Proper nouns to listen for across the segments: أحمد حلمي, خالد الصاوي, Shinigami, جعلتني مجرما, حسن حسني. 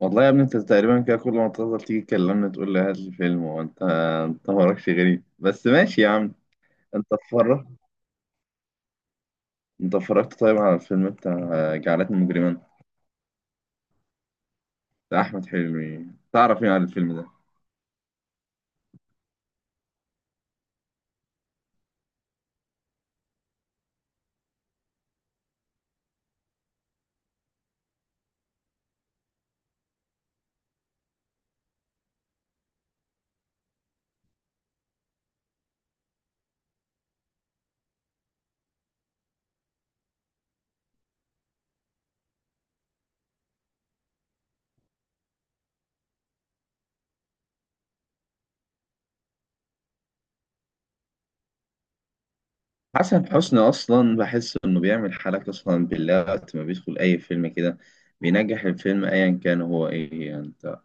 والله يا ابني، انت تقريبا كده كل ما تفضل تيجي تكلمني تقول لي هات لي فيلم. وانت مالكش غريب، بس ماشي يا عم. انت اتفرج انت اتفرجت طيب على الفيلم بتاع جعلتني مجرما، بتاع احمد حلمي؟ تعرف ايه عن الفيلم ده؟ حسن حسني اصلا بحس انه بيعمل حالة، قسما بالله، وقت ما بيدخل اي فيلم كده بينجح الفيلم، ايا كان هو ايه يعني. انت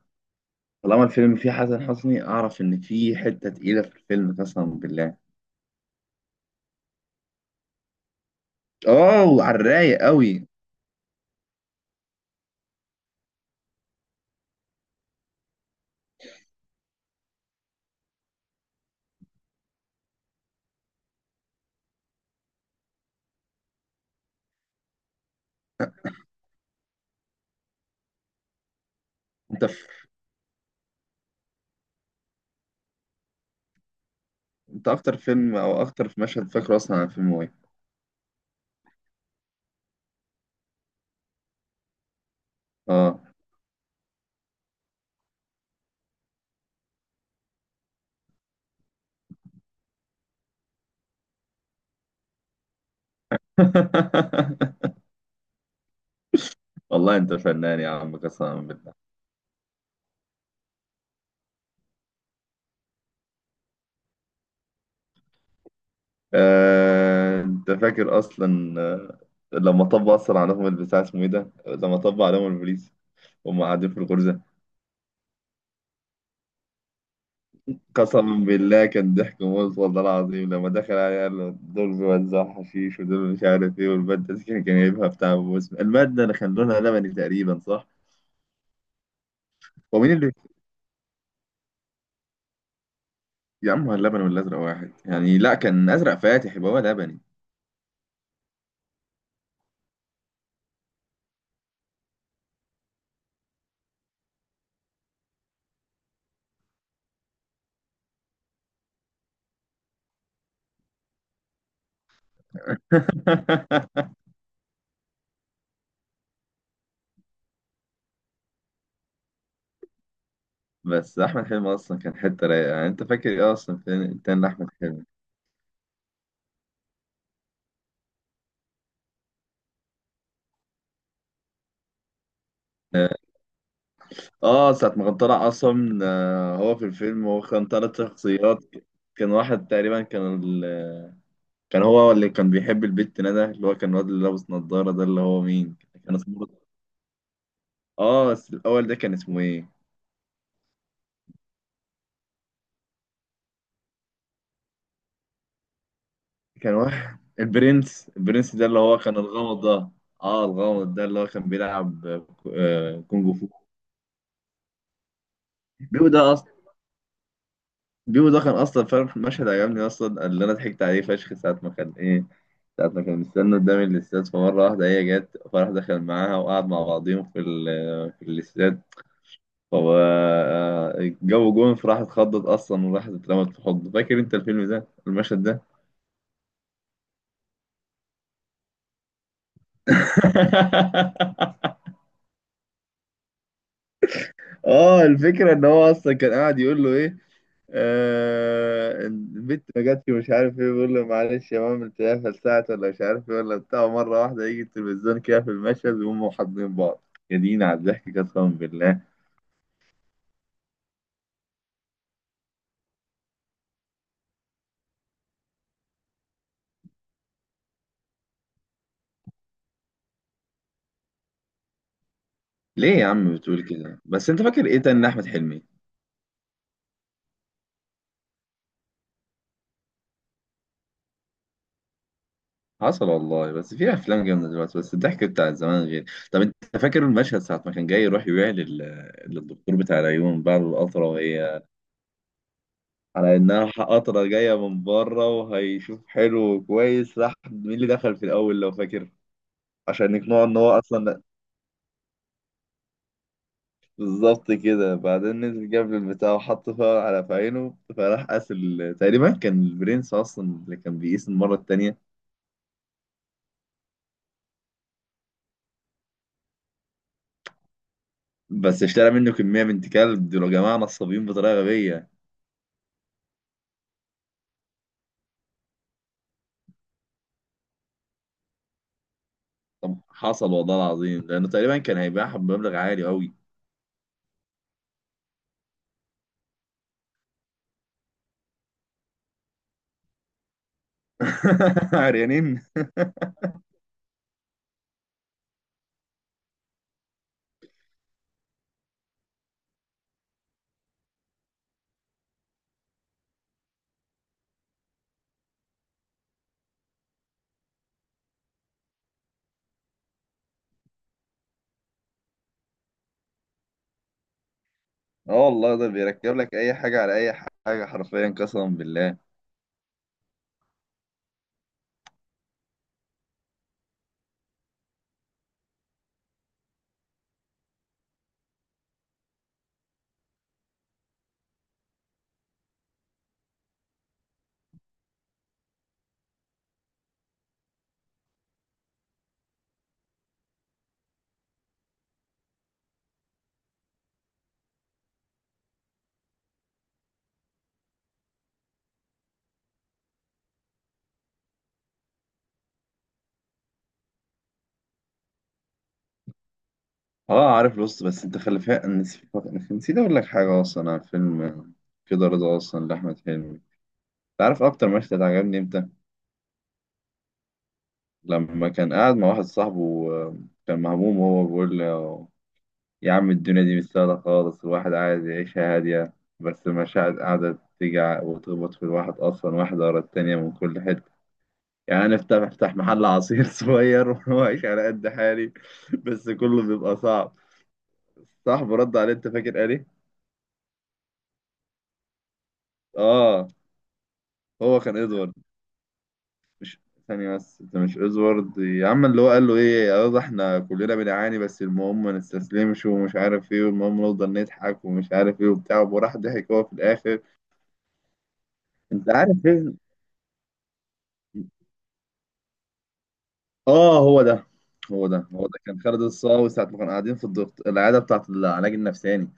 طالما الفيلم فيه حسن حسني اعرف ان فيه حتة تقيلة في الفيلم قسما بالله. اه، وعلى الرايق قوي. انت انت اكتر فيلم او اكتر في مشهد فاكره اصلا عن فيلم ايه؟ اه. والله انت فنان يا عم قسما بالله. انت فاكر اصلا؟ لما طبق اصلا عليهم البتاع اسمه ايه ده، لما طبق عليهم البوليس وهم قاعدين في الغرزه، قسما بالله كان ضحك موت والله العظيم. لما دخل عليه قال له دول بيوزعوا حشيش ودول مش عارف ايه، والماده دي كان جايبها بتاع بوس. الماده اللي كان لونها لبني تقريبا، صح؟ هو مين اللي... يا عم هو اللبن والازرق واحد يعني؟ لا كان ازرق فاتح، يبقى هو لبني. بس احمد حلمي اصلا كان حته رايقه. يعني انت فاكر ايه اصلا فين تاني لاحمد حلمي؟ اه. ساعه ما كان طلع اصلا، هو في الفيلم هو كان ثلاث شخصيات. كان واحد تقريبا كان كان هو اللي كان بيحب البت ندى، اللي هو كان الواد اللي لابس نظاره ده، اللي هو مين كان اسمه؟ اه بس الاول ده كان اسمه ايه؟ كان واحد، البرنس. البرنس ده اللي هو كان الغامض ده. اه الغامض ده اللي هو كان بيلعب كونج فو. بيو ده بيبو ده كان اصلا فاهم. المشهد عجبني اصلا اللي انا ضحكت عليه فشخ ساعه ما كان ايه، ساعه ما كان مستني قدام الاستاد، فمره واحده هي جت، فراح دخل معاها وقعد مع بعضيهم في الاستاد، فهو جو جون، فراح اتخضت اصلا وراحت اترمت في حضنه. فاكر انت الفيلم ده المشهد ده؟ اه. الفكرة ان هو اصلا كان قاعد يقول له ايه، آه البت ما جاتش ومش عارف ايه، بيقول له معلش يا ماما تلاقيها فلسعت ولا مش عارف ايه ولا بتاع، مرة واحدة يجي التلفزيون كده في المشهد وهم حاضنين بعض. يا دينا على الضحك قسما بالله. ليه يا عم بتقول كده؟ بس انت فاكر ايه تاني احمد حلمي؟ حصل والله، بس في افلام جامده دلوقتي، بس الضحك بتاع زمان غير. طب انت فاكر المشهد ساعه ما كان جاي يروح يبيع للدكتور بتاع العيون بعد القطره، وهي على انها قطره جايه من بره وهيشوف حلو وكويس؟ راح مين اللي دخل في الاول لو فاكر عشان يقنعه ان هو اصلا؟ بالظبط كده. بعدين نزل جاب البتاع وحط فيها على في عينه، فراح قاس تقريبا كان البرنس اصلا اللي كان بيقيس المره التانيه. بس اشترى منه كميه، بنت كلب دول يا جماعه نصابين بطريقه غبيه. طب حصل والله العظيم، لانه تقريبا كان هيبيعها بمبلغ عالي قوي. عريانين. اه والله ده بيركب لك اي حاجه على اي حاجه حرفيا قسما بالله. اه عارف لوست، بس انت خلي فيها. نسيت اقول لك حاجه اصلا عن فيلم كده رضا اصلا لاحمد حلمي. انت عارف اكتر مشهد عجبني امتى؟ لما كان قاعد مع واحد صاحبه، كان مهموم وهو بيقول له يا عم الدنيا دي مش سهله خالص، الواحد عايز يعيشها هاديه، بس المشاعر قاعده تيجي وتخبط في الواحد اصلا، واحده ورا التانيه من كل حته. يعني انا افتح محل عصير صغير واعيش على قد حالي، بس كله بيبقى صعب. صاحبه رد عليه، انت فاكر قال ايه؟ اه هو كان ادوارد. مش ثانية بس، انت مش ادوارد يا عم اللي هو قال له ايه، يلا احنا كلنا بنعاني بس المهم ما نستسلمش ومش عارف ايه، والمهم نفضل نضحك ومش عارف ايه وبتاع، وراح ضحك هو في الاخر. انت عارف ايه. اه هو ده. هو ده كان خالد الصاوي ساعة ما كانوا قاعدين في الدكتور، العيادة بتاعة العلاج النفساني.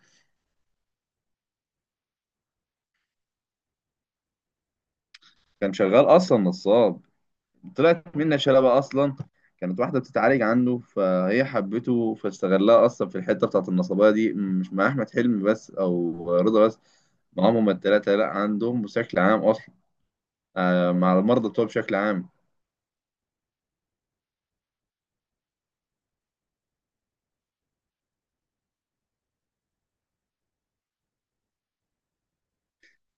كان شغال اصلا نصاب. طلعت منه شلبة أصلا. كانت واحدة بتتعالج عنده فهي حبته، فاستغلها أصلا في الحتة بتاعة النصابية دي، مش مع أحمد حلمي بس أو رضا بس، معاهم هما التلاتة، لأ عندهم بشكل عام أصلا، آه مع المرضى بتوع بشكل عام.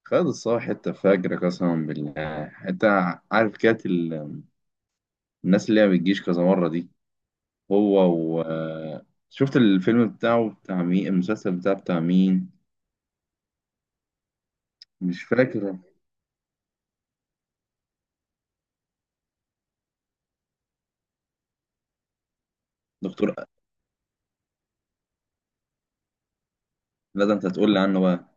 خالد الصاوي حتة فجر قسما بالله. حتة، عارف، كانت الناس اللي هي ما بتجيش كذا مرة دي. هو و شفت الفيلم بتاعه بتاع مين، المسلسل بتاعه بتاع مين؟ مش فاكر. دكتور. لا ده انت هتقول لي عنه بقى.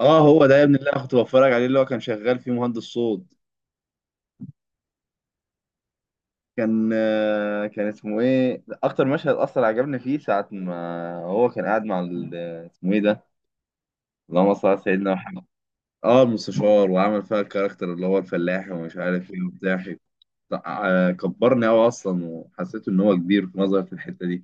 اه هو ده يا ابن، اللي انا كنت بتفرج عليه اللي هو كان شغال فيه مهندس صوت. كان اسمه ايه؟ اكتر مشهد اصلا عجبني فيه ساعه ما هو كان قاعد مع اسمه ايه ده؟ اللهم صل على سيدنا محمد. اه المستشار، وعمل فيها الكاركتر اللي هو الفلاح ومش عارف ايه وبتاع، كبرني قوي اصلا وحسيت ان هو كبير في نظري في الحته دي.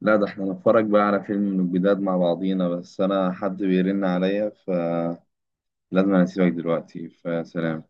لا ده احنا نتفرج بقى على فيلم من الجداد مع بعضينا، بس انا حد بيرن عليا فلازم. أنا اسيبك دلوقتي، فسلام.